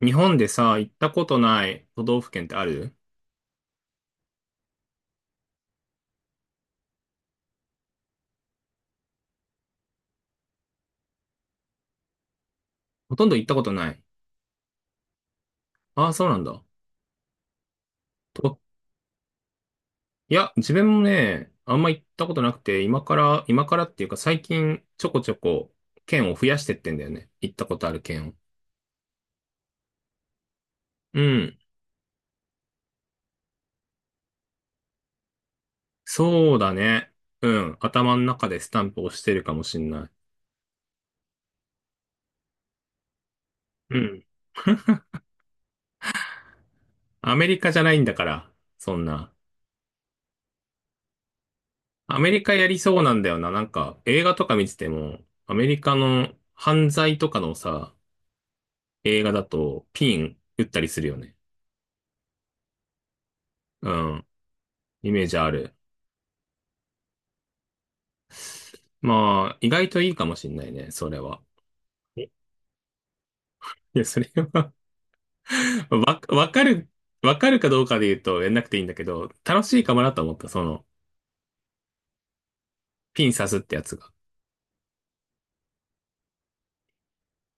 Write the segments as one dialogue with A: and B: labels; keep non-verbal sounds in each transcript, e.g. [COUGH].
A: 日本でさ、行ったことない都道府県ってある？ほとんど行ったことない。ああ、そうなんだ。と、いや、自分もね、あんま行ったことなくて、今からっていうか最近ちょこちょこ県を増やしてってんだよね。行ったことある県を。うん。そうだね。うん。頭の中でスタンプ押してるかもしんない。うん。アメリカじゃないんだから、そんな。アメリカやりそうなんだよな。なんか、映画とか見てても、アメリカの犯罪とかのさ、映画だとピン打ったりするよね。うん。イメージある。まあ、意外といいかもしんないね、それは。えいや、それは [LAUGHS] わ、わかる、わかるかどうかで言うとやんなくていいんだけど、楽しいかもなと思った、ピン刺すってやつが。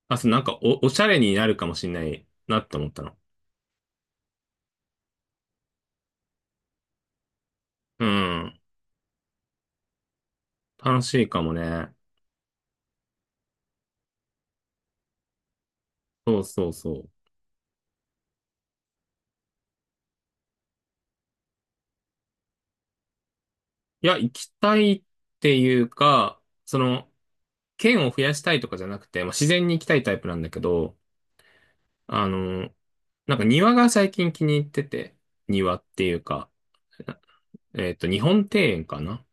A: あ、そう、なんかおしゃれになるかもしんないなって思ったの。うん。楽しいかもね。そうそうそう。いや、行きたいっていうか、県を増やしたいとかじゃなくて、まあ、自然に行きたいタイプなんだけど、あの、なんか庭が最近気に入ってて、庭っていうか、日本庭園かな。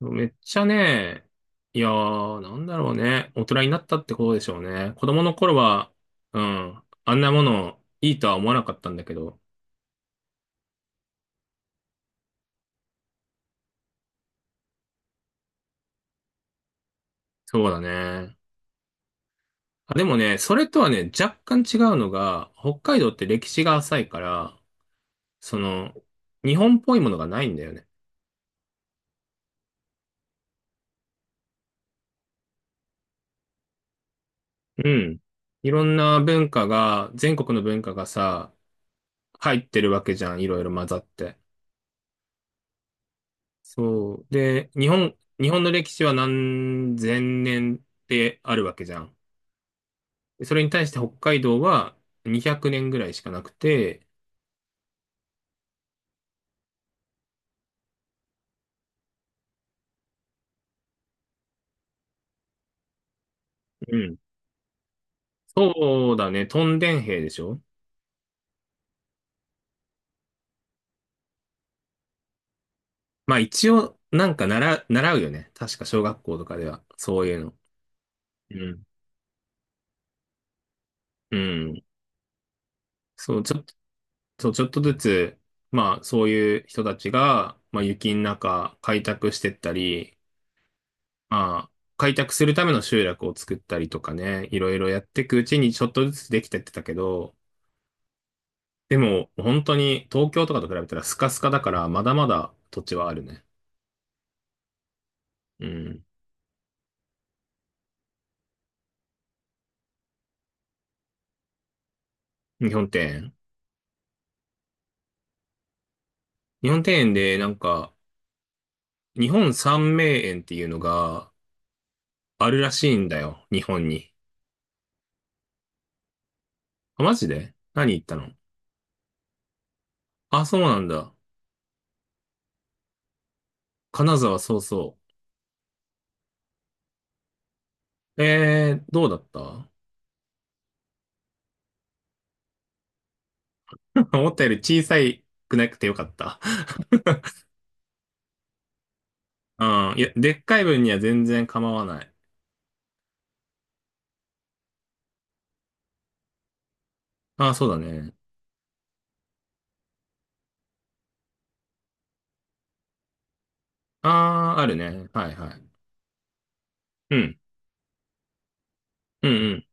A: めっちゃね、いやー、なんだろうね。大人になったってことでしょうね。子供の頃は、うん、あんなものいいとは思わなかったんだけど、そうだね。あ、でもね、それとはね、若干違うのが、北海道って歴史が浅いから、その、日本っぽいものがないんだよね。うん。いろんな文化が、全国の文化がさ、入ってるわけじゃん、いろいろ混ざって。そう。で、日本の歴史は何千年ってあるわけじゃん。それに対して北海道は200年ぐらいしかなくて、うん。そうだね、トンデン兵でしょ？まあ一応、なんか習うよね。確か小学校とかでは、そういうの。うん。うん。そう、ちょっと、そう、ちょっとずつ、まあそういう人たちが、まあ雪の中開拓してったり、ああ、開拓するための集落を作ったりとかね、いろいろやっていくうちにちょっとずつできてってたけど、でも本当に東京とかと比べたらスカスカだからまだまだ土地はあるね。うん。日本庭園。日本庭園でなんか、日本三名園っていうのがあるらしいんだよ、日本に。あ、マジで何言ったの？あ、そうなんだ。金沢、そうそう。どうだった？ [LAUGHS] 思ったより小さくなくてよかった。ああ、いや、でっかい分には全然構わない。ああ、そうだね。ああ、あるね。はいはい。うん。うん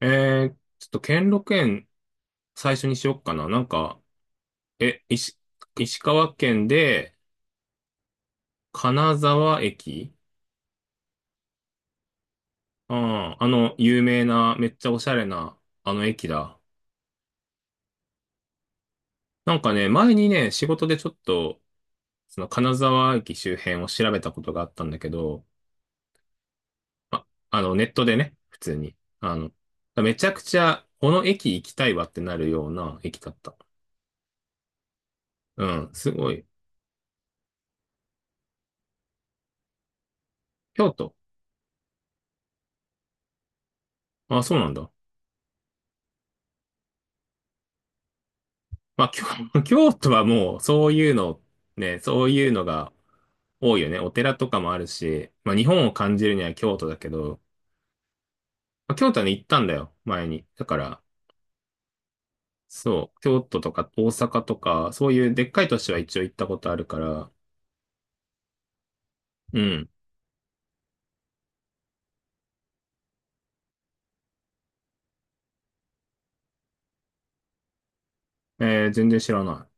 A: うん。ちょっと兼六園最初にしよっかな。なんか、え、石、石川県で、金沢駅。ああ、有名な、めっちゃおしゃれな、あの駅だ。なんかね、前にね、仕事でちょっと、その金沢駅周辺を調べたことがあったんだけど、あ、ネットでね、普通に。めちゃくちゃ、この駅行きたいわってなるような駅だった。うん、すごい。京都。あ、そうなんだ。まあ、[LAUGHS] 京都はもう、そういうの、ね、そういうのが多いよね。お寺とかもあるし、まあ、日本を感じるには京都だけど、まあ、京都はね、行ったんだよ、前に。だから、そう、京都とか大阪とか、そういうでっかい都市は一応行ったことあるから、うん。全然知らない。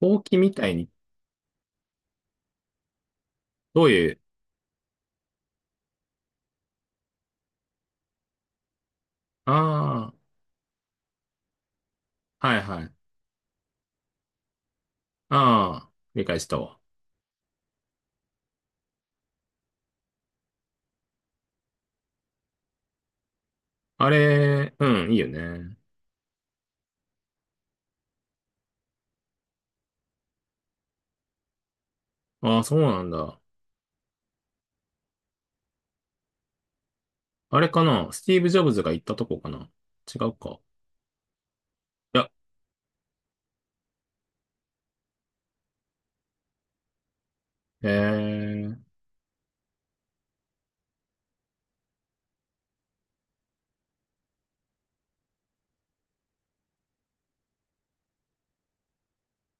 A: ほうきみたいに、どういう、ああ、はいはい。ああ、理解したわ。あれ、うん、いいよね。ああ、そうなんだ。あれかな、スティーブ・ジョブズが行ったとこかな？違うか。いや、えー、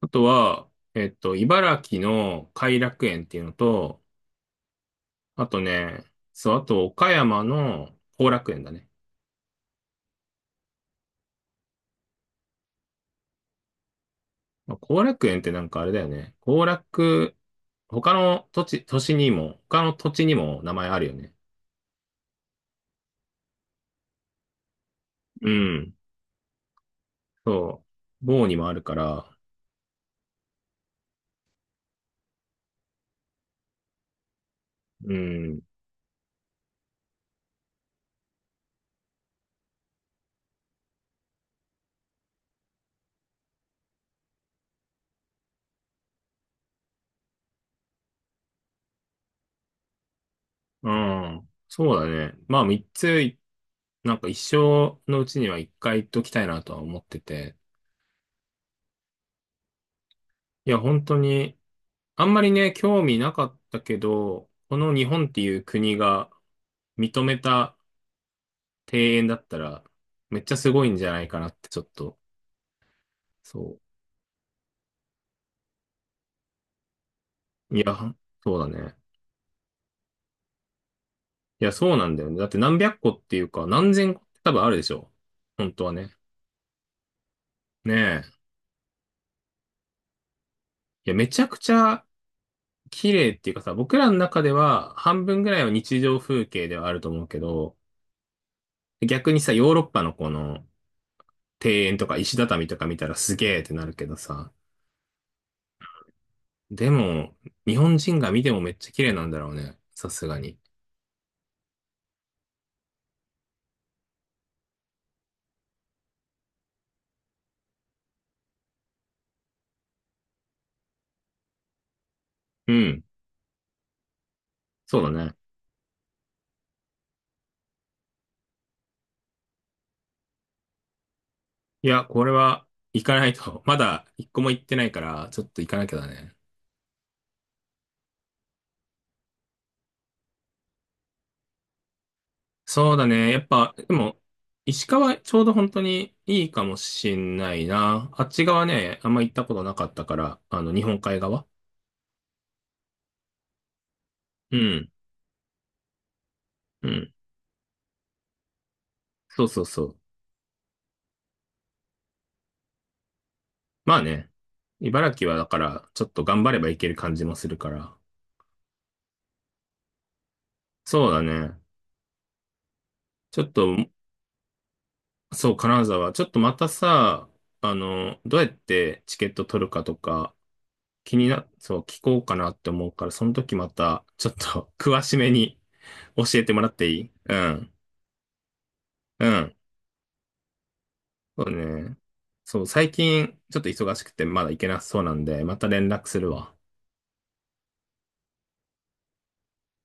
A: あとは、茨城の偕楽園っていうのと、あとね、そう、あと岡山の後楽園だね。まあ、後楽園ってなんかあれだよね。他の土地、都市にも、他の土地にも名前あるよね。うん、そう。某にもあるから、うん。うん。そうだね。まあ、3つ、なんか一生のうちには1回行っときたいなとは思ってて。いや、本当に、あんまりね、興味なかったけど、この日本っていう国が認めた庭園だったら、めっちゃすごいんじゃないかなってちょっと、そう。いや、そうだね。いや、そうなんだよね。だって何百個っていうか、何千個って多分あるでしょ？本当はね。ねえ。いや、めちゃくちゃ綺麗っていうかさ、僕らの中では半分ぐらいは日常風景ではあると思うけど、逆にさ、ヨーロッパのこの庭園とか石畳とか見たらすげーってなるけどさ、でも、日本人が見てもめっちゃ綺麗なんだろうね。さすがに。うん。そうだね。いや、これは行かないと。まだ一個も行ってないから、ちょっと行かなきゃだね。そうだね。やっぱ、でも、石川ちょうど本当にいいかもしんないな。あっち側ね、あんま行ったことなかったから、日本海側。うん。うん。そうそうそう。まあね。茨城はだから、ちょっと頑張ればいける感じもするから。そうだね。ちょっと、そう、金沢。ちょっとまたさ、どうやってチケット取るかとか、気にな、そう、聞こうかなって思うから、その時また、ちょっと [LAUGHS] 詳しめに [LAUGHS] 教えてもらっていい？うん。うん。そうね。そう、最近、ちょっと忙しくて、まだ行けなそうなんで、また連絡するわ。